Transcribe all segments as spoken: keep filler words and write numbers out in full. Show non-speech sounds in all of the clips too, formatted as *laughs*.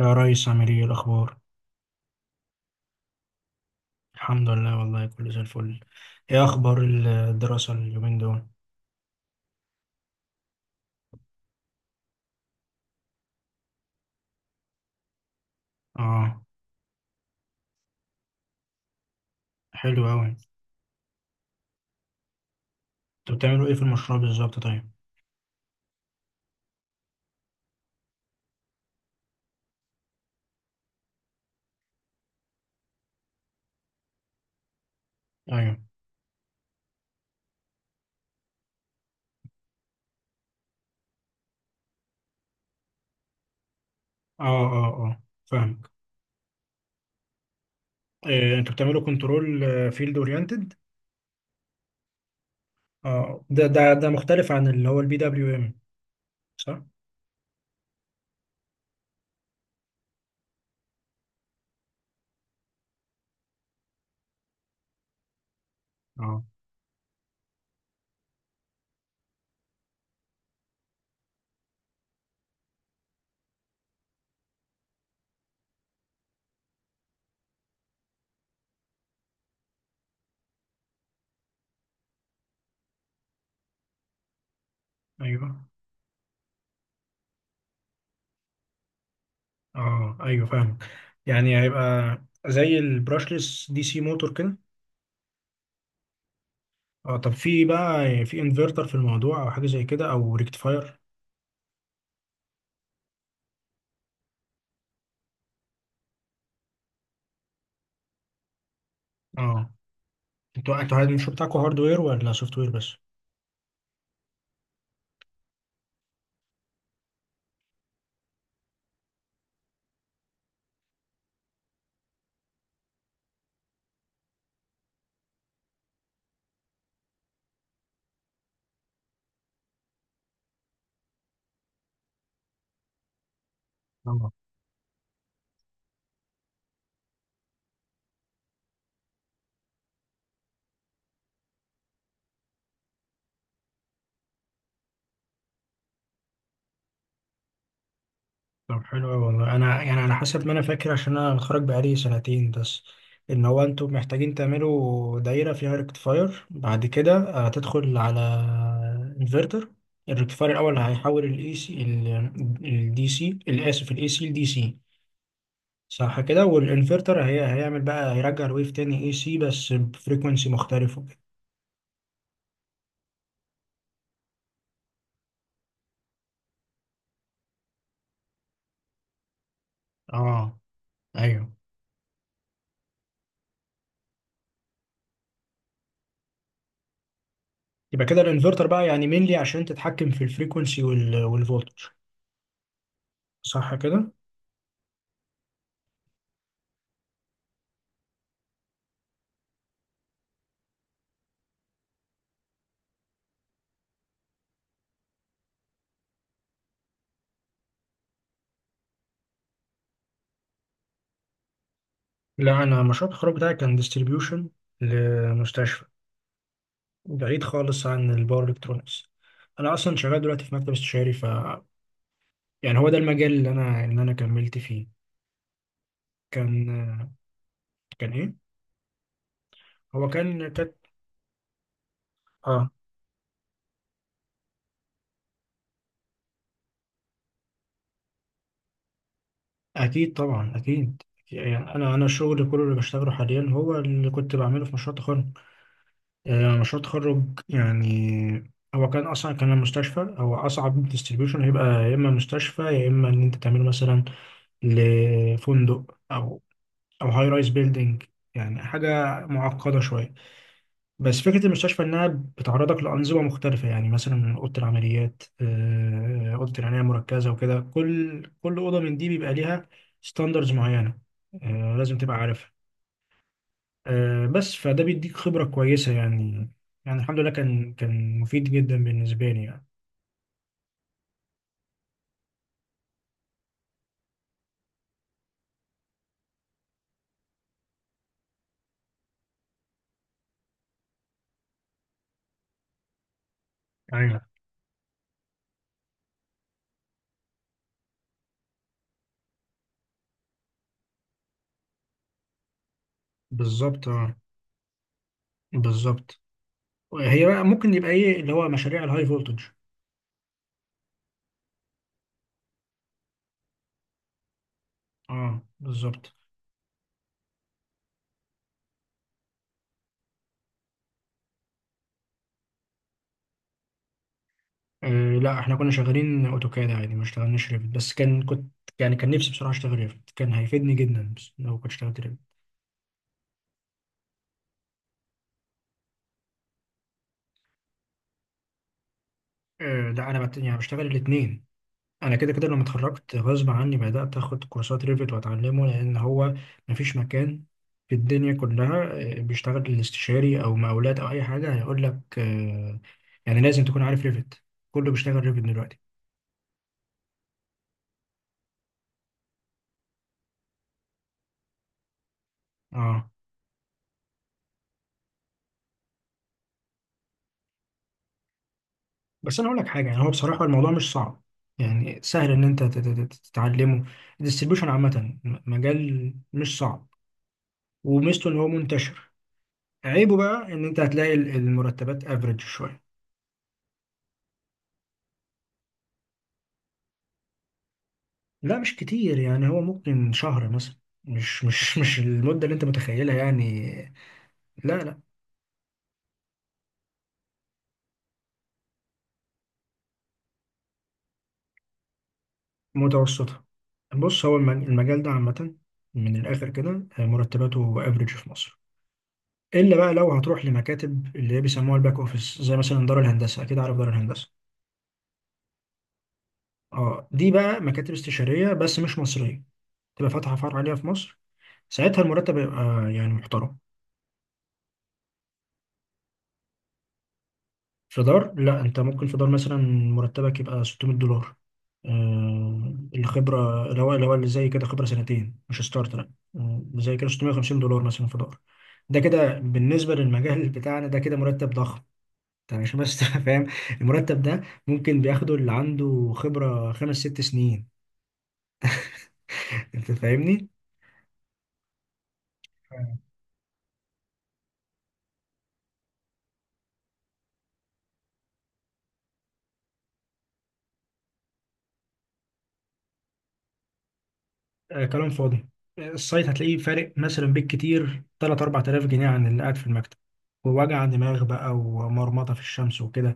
يا ريس عامل ايه الاخبار؟ الحمد لله، والله كله زي الفل. ايه اخبار الدراسه اليومين دول؟ اه. حلو قوي. انتوا بتعملوا ايه في المشروع بالظبط؟ طيب. ايوه. اه، اه، اه، فاهمك. إيه، انتوا بتعملوا كنترول فيلد اورينتد؟ اه، ده ده ده مختلف عن اللي هو البي دبليو ام، صح؟ اه، ايوه. اه، ايوه، فاهمك. يعني هيبقى زي البراشلس دي سي موتور كده. اه، طب في بقى في انفرتر في الموضوع، او حاجه زي كده، او ريكتفاير؟ اه، انتوا انتوا الشغل بتاعكم هاردوير ولا سوفت وير بس؟ اه، طب حلو أوي. والله انا يعني على حسب ما انا فاكر، عشان انا متخرج بقالي سنتين بس، ان هو انتوا محتاجين تعملوا دايره فيها ريكتفاير بعد كده. آه، تدخل على انفرتر. الريكتفاير الاول هيحول الاي سي الدي سي، الاسف، الاي سي لدي سي، صح كده؟ والانفرتر هي هيعمل بقى هيرجع الويف تاني اي سي بس بفريكونسي مختلفه. اه، ايوه. يبقى كده الانفرتر بقى يعني مينلي عشان تتحكم في الفريكونسي وال... والفولتج، صح كده؟ لا، انا مشروع التخرج بتاعي كان ديستريبيوشن لمستشفى، بعيد خالص عن الباور الكترونكس. انا اصلا شغال دلوقتي في مكتب استشاري، ف يعني هو ده المجال اللي انا اللي انا كملت فيه. كان كان ايه؟ هو كان، كانت. اه، اكيد طبعا اكيد. يعني انا انا الشغل كله اللي بشتغله حاليا هو اللي كنت بعمله في مشروع التخرج. آه، مشروع التخرج. يعني هو كان اصلا كان المستشفى هو اصعب ديستريبيوشن هيبقى، يا اما مستشفى، يا اما ان انت تعمله مثلا لفندق، او او هاي رايز بيلدينج. يعني حاجه معقده شويه. بس فكره المستشفى انها بتعرضك لانظمه مختلفه، يعني مثلا اوضه العمليات، آه، اوضه العنايه المركزه وكده. كل كل اوضه من دي بيبقى ليها ستاندرز معينه، آه، لازم تبقى عارفها. آه، بس فده بيديك خبرة كويسة يعني. يعني الحمد لله، كان كان مفيد جدا بالنسبة لي يعني. ايوه، بالظبط. اه، بالظبط. هي بقى ممكن يبقى ايه اللي هو مشاريع الهاي فولتج؟ اه، بالظبط. آه، لا، احنا كنا شغالين اوتوكاد عادي، ما اشتغلناش ريفت. بس كان كنت يعني كان نفسي بصراحة اشتغل ريفت، كان هيفيدني جدا بس لو كنت اشتغلت ريفت. آه، لا، انا بت... يعني بشتغل الاثنين. انا كده كده لما اتخرجت غصب عني بدات اخد كورسات ريفت واتعلمه، لان هو مفيش مكان في الدنيا كلها آه، بيشتغل الاستشاري او مقاولات او اي حاجه هيقول لك، آه، يعني لازم تكون عارف ريفت. كله بيشتغل ريفت دلوقتي. اه، بس انا اقول لك حاجه، يعني هو بصراحه الموضوع مش صعب، يعني سهل ان انت تت- تت- تتعلمه. الديستريبيوشن عامه م- مجال مش صعب. وميزته ان هو منتشر. عيبه بقى ان انت هتلاقي ال- المرتبات افريج شويه. لا، مش كتير، يعني هو ممكن شهر مثلا، مش مش مش المدة اللي انت متخيلها يعني. لا، لا. متوسطة. بص هو المج- المجال ده عامة، من الآخر كده مرتباته افريج في مصر. إلا بقى لو هتروح لمكاتب اللي هي بيسموها الباك أوفيس، زي مثلا دار الهندسة، أكيد عارف دار الهندسة. اه، دي بقى مكاتب استشارية بس مش مصرية، تبقى فاتحة فرع عليها في مصر. ساعتها المرتب يبقى يعني محترم. فدار، لا، انت ممكن فدار مثلا مرتبك يبقى ستمية دولار. آه، الخبره الاول، الاول اللي زي كده خبره سنتين، مش ستارت، لا. آه زي كده ست مية وخمسين دولار مثلا فدار. ده كده بالنسبه للمجال بتاعنا ده كده مرتب ضخم. يعني عشان بس *laughs* تبقى فاهم. المرتب ده ممكن بياخده اللي عنده خبره خمس ست سنين، انت فاهمني؟ آه، كلام فاضي. آه، السايت هتلاقيه فارق مثلا بالكتير ثلاثة اربعة آلاف جنيه عن اللي قاعد في المكتب، ووجع دماغ بقى ومرمطه في الشمس وكده.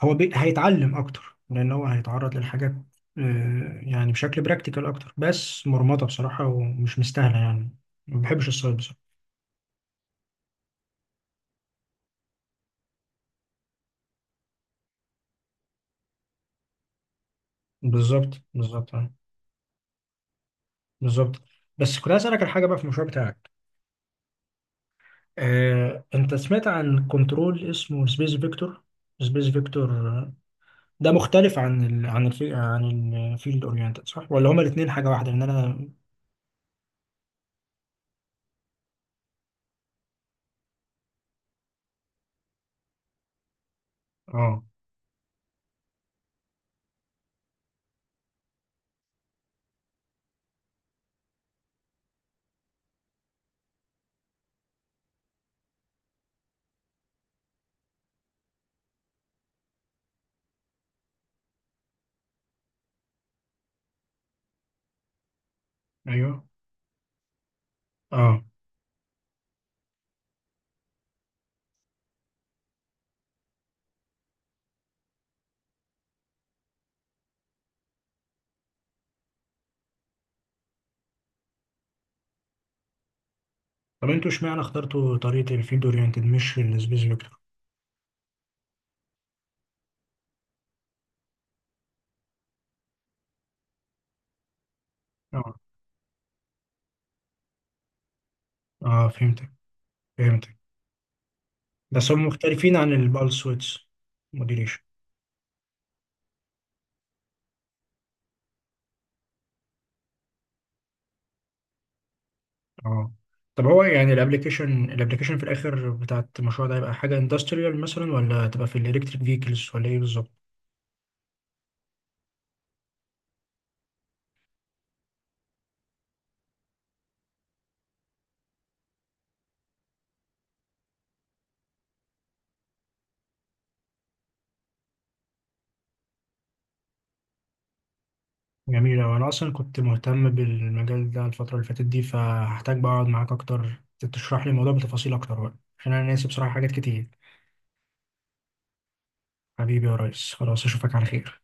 هو بي... هيتعلم اكتر، لان هو هيتعرض للحاجات، آه، يعني بشكل براكتيكال اكتر. بس مرمطه بصراحه ومش مستاهله يعني. ما بحبش الصيد بصراحه. بالظبط، بالظبط، آه، بالظبط. بس كنت عايز اسالك على حاجه بقى في المشروع بتاعك. آه، انت سمعت عن كنترول اسمه سبيس فيكتور، سبيس فيكتور؟ ده مختلف عن ال... عن الفي... عن الفيلد اورينتد، صح، ولا هما الاثنين حاجه واحده؟ لان انا. اه، ايوه. اه، طب انتوا اشمعنى اخترتوا طريقه الفيلد اورينتد مش السبيس فيكتور؟ اه، فهمتك، فهمتك. بس هم مختلفين عن البالس ويدز موديليشن. اه، طب هو يعني الابلكيشن الابلكيشن في الاخر بتاعت المشروع ده هيبقى حاجه اندستريال مثلا ولا هتبقى في الالكتريك فيكلز ولا ايه بالظبط؟ جميل أوي. انا اصلا كنت مهتم بالمجال ده الفتره اللي فاتت دي، فهحتاج بقى اقعد معاك اكتر تشرح لي الموضوع بتفاصيل اكتر بقى، عشان انا ناسي بصراحه حاجات كتير. حبيبي يا ريس، خلاص اشوفك على خير.